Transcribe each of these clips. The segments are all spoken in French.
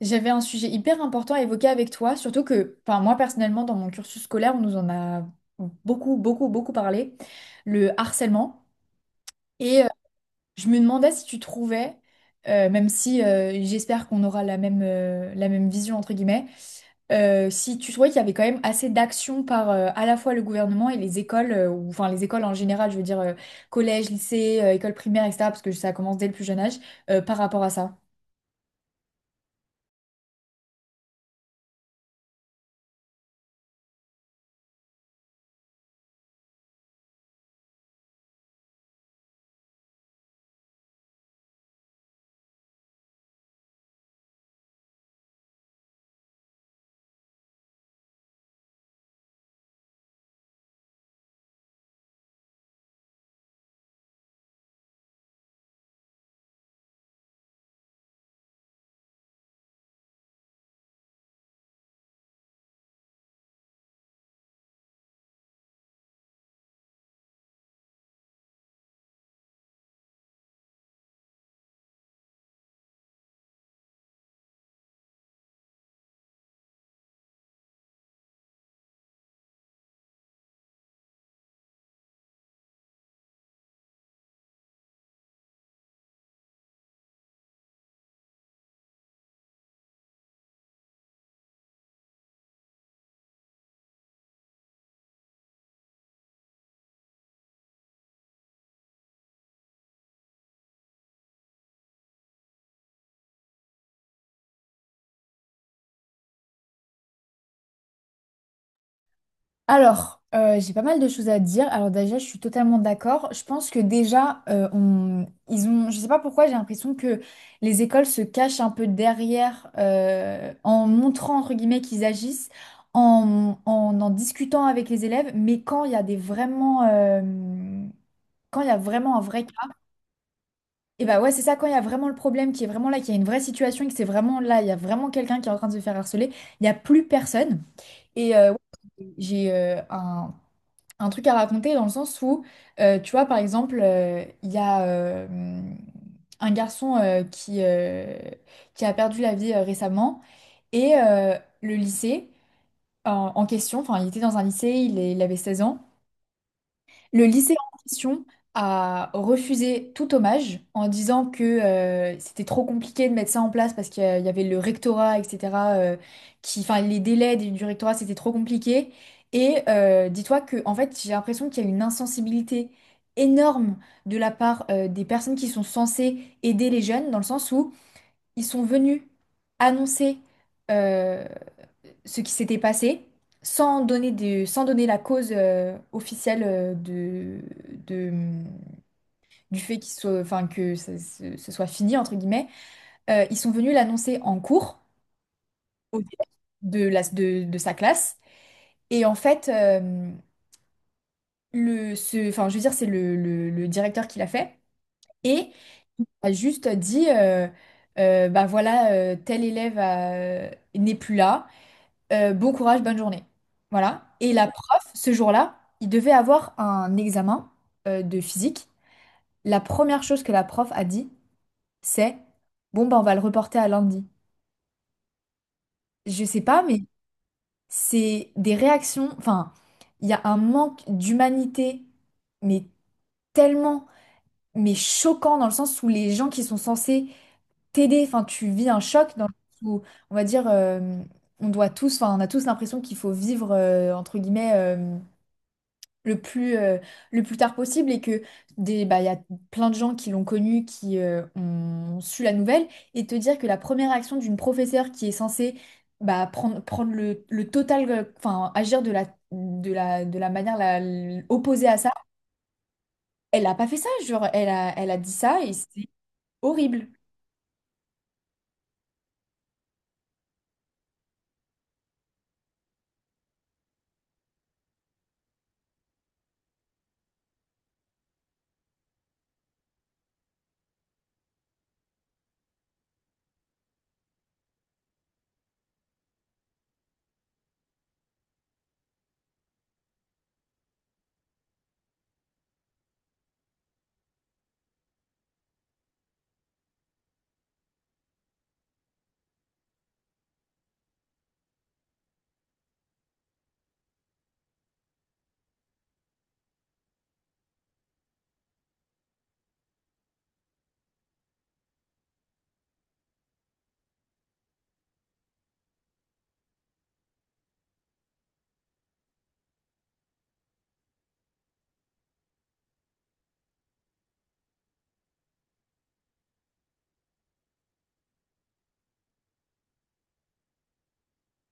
J'avais un sujet hyper important à évoquer avec toi, surtout que, enfin, moi personnellement, dans mon cursus scolaire, on nous en a beaucoup, beaucoup, beaucoup parlé, le harcèlement. Et euh, je me demandais si tu trouvais, même si j'espère qu'on aura la même vision, entre guillemets, si tu trouvais qu'il y avait quand même assez d'actions par à la fois le gouvernement et les écoles, ou enfin les écoles en général, je veux dire, collège, lycée, école primaire, etc., parce que ça commence dès le plus jeune âge, par rapport à ça. Alors, j'ai pas mal de choses à dire. Alors déjà, je suis totalement d'accord. Je pense que déjà, ils ont, je sais pas pourquoi, j'ai l'impression que les écoles se cachent un peu derrière, en montrant entre guillemets qu'ils agissent, en discutant avec les élèves. Mais quand il y a des vraiment, quand il y a vraiment un vrai cas, et bah ouais, c'est ça. Quand il y a vraiment le problème, qui est vraiment là, qu'il y a une vraie situation, et que c'est vraiment là, il y a vraiment quelqu'un qui est en train de se faire harceler, il n'y a plus personne. Ouais, j'ai un truc à raconter dans le sens où, tu vois, par exemple, il y a un garçon qui a perdu la vie récemment et euh, le lycée en question, enfin, il était dans un lycée, il avait 16 ans. Le lycée en question a refusé tout hommage en disant que c'était trop compliqué de mettre ça en place parce qu'il y avait le rectorat, etc. Qui, enfin, les délais du rectorat, c'était trop compliqué. Dis-toi que, en fait, j'ai l'impression qu'il y a une insensibilité énorme de la part des personnes qui sont censées aider les jeunes, dans le sens où ils sont venus annoncer euh, ce qui s'était passé sans sans donner la cause officielle de, mm, du fait qu'il soit, enfin, que ce soit fini, entre guillemets. Ils sont venus l'annoncer en cours au directeur de sa classe. Et en fait, enfin, je veux dire, c'est le directeur qui l'a fait. Et il a juste dit, bah voilà, n'est plus là. Bon courage, bonne journée. Voilà. Et la prof, ce jour-là, il devait avoir un examen de physique. La première chose que la prof a dit, c'est, bon, ben, on va le reporter à lundi. Je sais pas, mais c'est des réactions, enfin, il y a un manque d'humanité, mais tellement, mais choquant dans le sens où les gens qui sont censés t'aider, enfin, tu vis un choc dans le sens où, on va dire, on doit tous, enfin, on a tous l'impression qu'il faut vivre, entre guillemets, le plus, euh, le plus tard possible et que des, bah, il y a plein de gens qui l'ont connu, qui ont su la nouvelle, et te dire que la première action d'une professeure qui est censée bah, prendre le total, enfin agir de la manière opposée à ça, elle n'a pas fait ça, genre elle a dit ça et c'est horrible.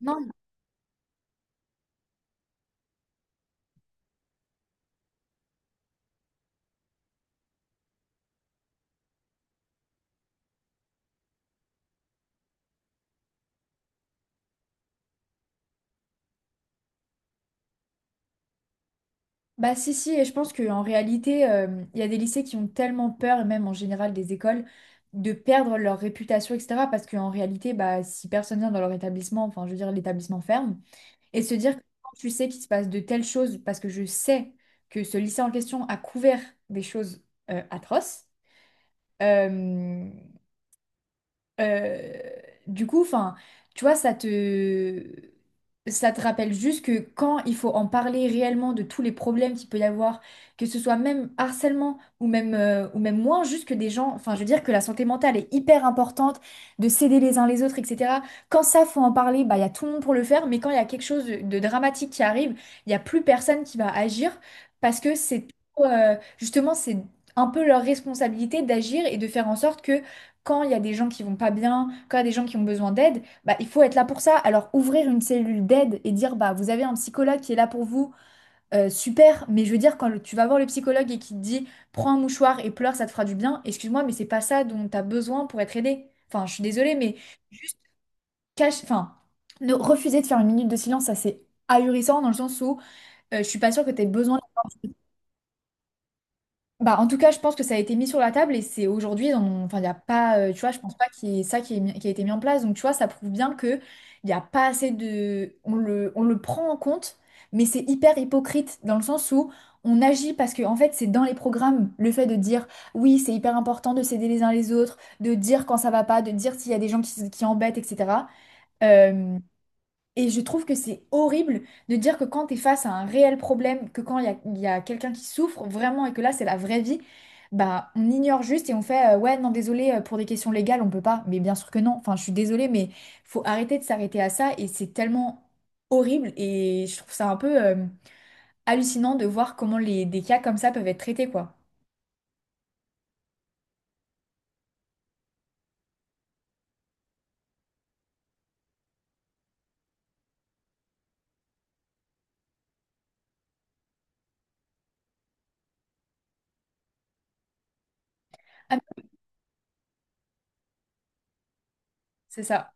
Non, bah si si et je pense qu'en réalité il y a des lycées qui ont tellement peur et même en général des écoles de perdre leur réputation etc parce qu'en réalité bah si personne vient dans leur établissement enfin je veux dire l'établissement ferme et se dire que quand tu sais qu'il se passe de telles choses parce que je sais que ce lycée en question a couvert des choses atroces euh, euh, du coup, enfin, tu vois, ça te rappelle juste que quand il faut en parler réellement de tous les problèmes qu'il peut y avoir, que ce soit même harcèlement ou même, ou même moins, juste que des gens, enfin, je veux dire que la santé mentale est hyper importante, de s'aider les uns les autres, etc. Quand ça, faut en parler, bah, il y a tout le monde pour le faire, mais quand il y a quelque chose de dramatique qui arrive, il n'y a plus personne qui va agir parce que c'est, justement, c'est un peu leur responsabilité d'agir et de faire en sorte que quand il y a des gens qui vont pas bien, quand il y a des gens qui ont besoin d'aide, bah, il faut être là pour ça. Alors ouvrir une cellule d'aide et dire bah vous avez un psychologue qui est là pour vous, super, mais je veux dire tu vas voir le psychologue et qu'il te dit prends un mouchoir et pleure, ça te fera du bien, excuse-moi, mais c'est pas ça dont tu as besoin pour être aidé. Enfin, je suis désolée, mais juste cache, enfin, ne refuser de faire une minute de silence, ça c'est ahurissant dans le sens où je suis pas sûre que tu aies besoin. Bah, en tout cas, je pense que ça a été mis sur la table et c'est aujourd'hui, enfin, il y a pas, tu vois, je pense pas qu'il y ait ça qui, qui a été mis en place. Donc, tu vois, ça prouve bien que il y a pas assez de, on le prend en compte, mais c'est hyper hypocrite dans le sens où on agit parce que, en fait, c'est dans les programmes le fait de dire oui, c'est hyper important de s'aider les uns les autres, de dire quand ça va pas, de dire s'il y a des gens qui embêtent, etc. Et je trouve que c'est horrible de dire que quand tu es face à un réel problème, que quand il y a quelqu'un qui souffre vraiment et que là c'est la vraie vie, bah on ignore juste et on fait ouais non désolé pour des questions légales on peut pas. Mais bien sûr que non. Enfin je suis désolée mais faut arrêter de s'arrêter à ça et c'est tellement horrible et je trouve ça un peu hallucinant de voir comment des cas comme ça peuvent être traités quoi. Ah, c'est ça.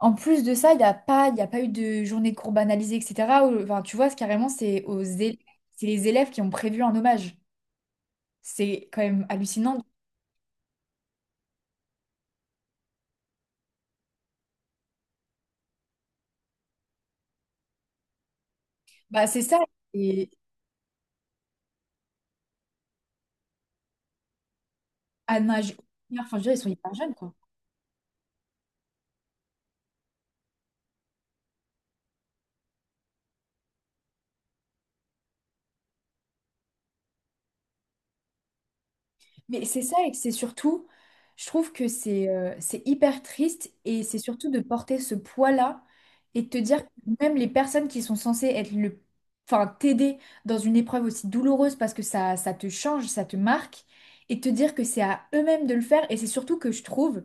En plus de ça, il y a pas eu de journée de cours banalisée, etc. Enfin, tu vois, c'est carrément, c'est aux élèves, c'est les élèves qui ont prévu un hommage. C'est quand même hallucinant. Bah, c'est ça. Et à un âge, enfin, je veux dire, ils sont hyper jeunes, quoi. Mais c'est ça et que c'est surtout, je trouve que c'est hyper triste et c'est surtout de porter ce poids-là et de te dire que même les personnes qui sont censées être enfin t'aider dans une épreuve aussi douloureuse parce que ça te change, ça te marque et de te dire que c'est à eux-mêmes de le faire et c'est surtout que je trouve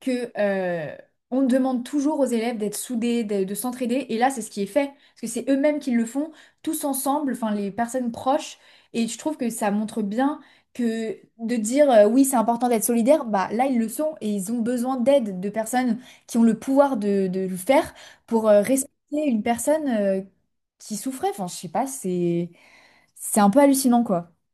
que on demande toujours aux élèves d'être soudés, de s'entraider, et là c'est ce qui est fait, parce que c'est eux-mêmes qui le font, tous ensemble, enfin les personnes proches, et je trouve que ça montre bien que de dire oui c'est important d'être solidaire, bah là ils le sont, et ils ont besoin d'aide, de personnes qui ont le pouvoir de le faire pour respecter une personne qui souffrait, enfin je sais pas, c'est un peu hallucinant quoi.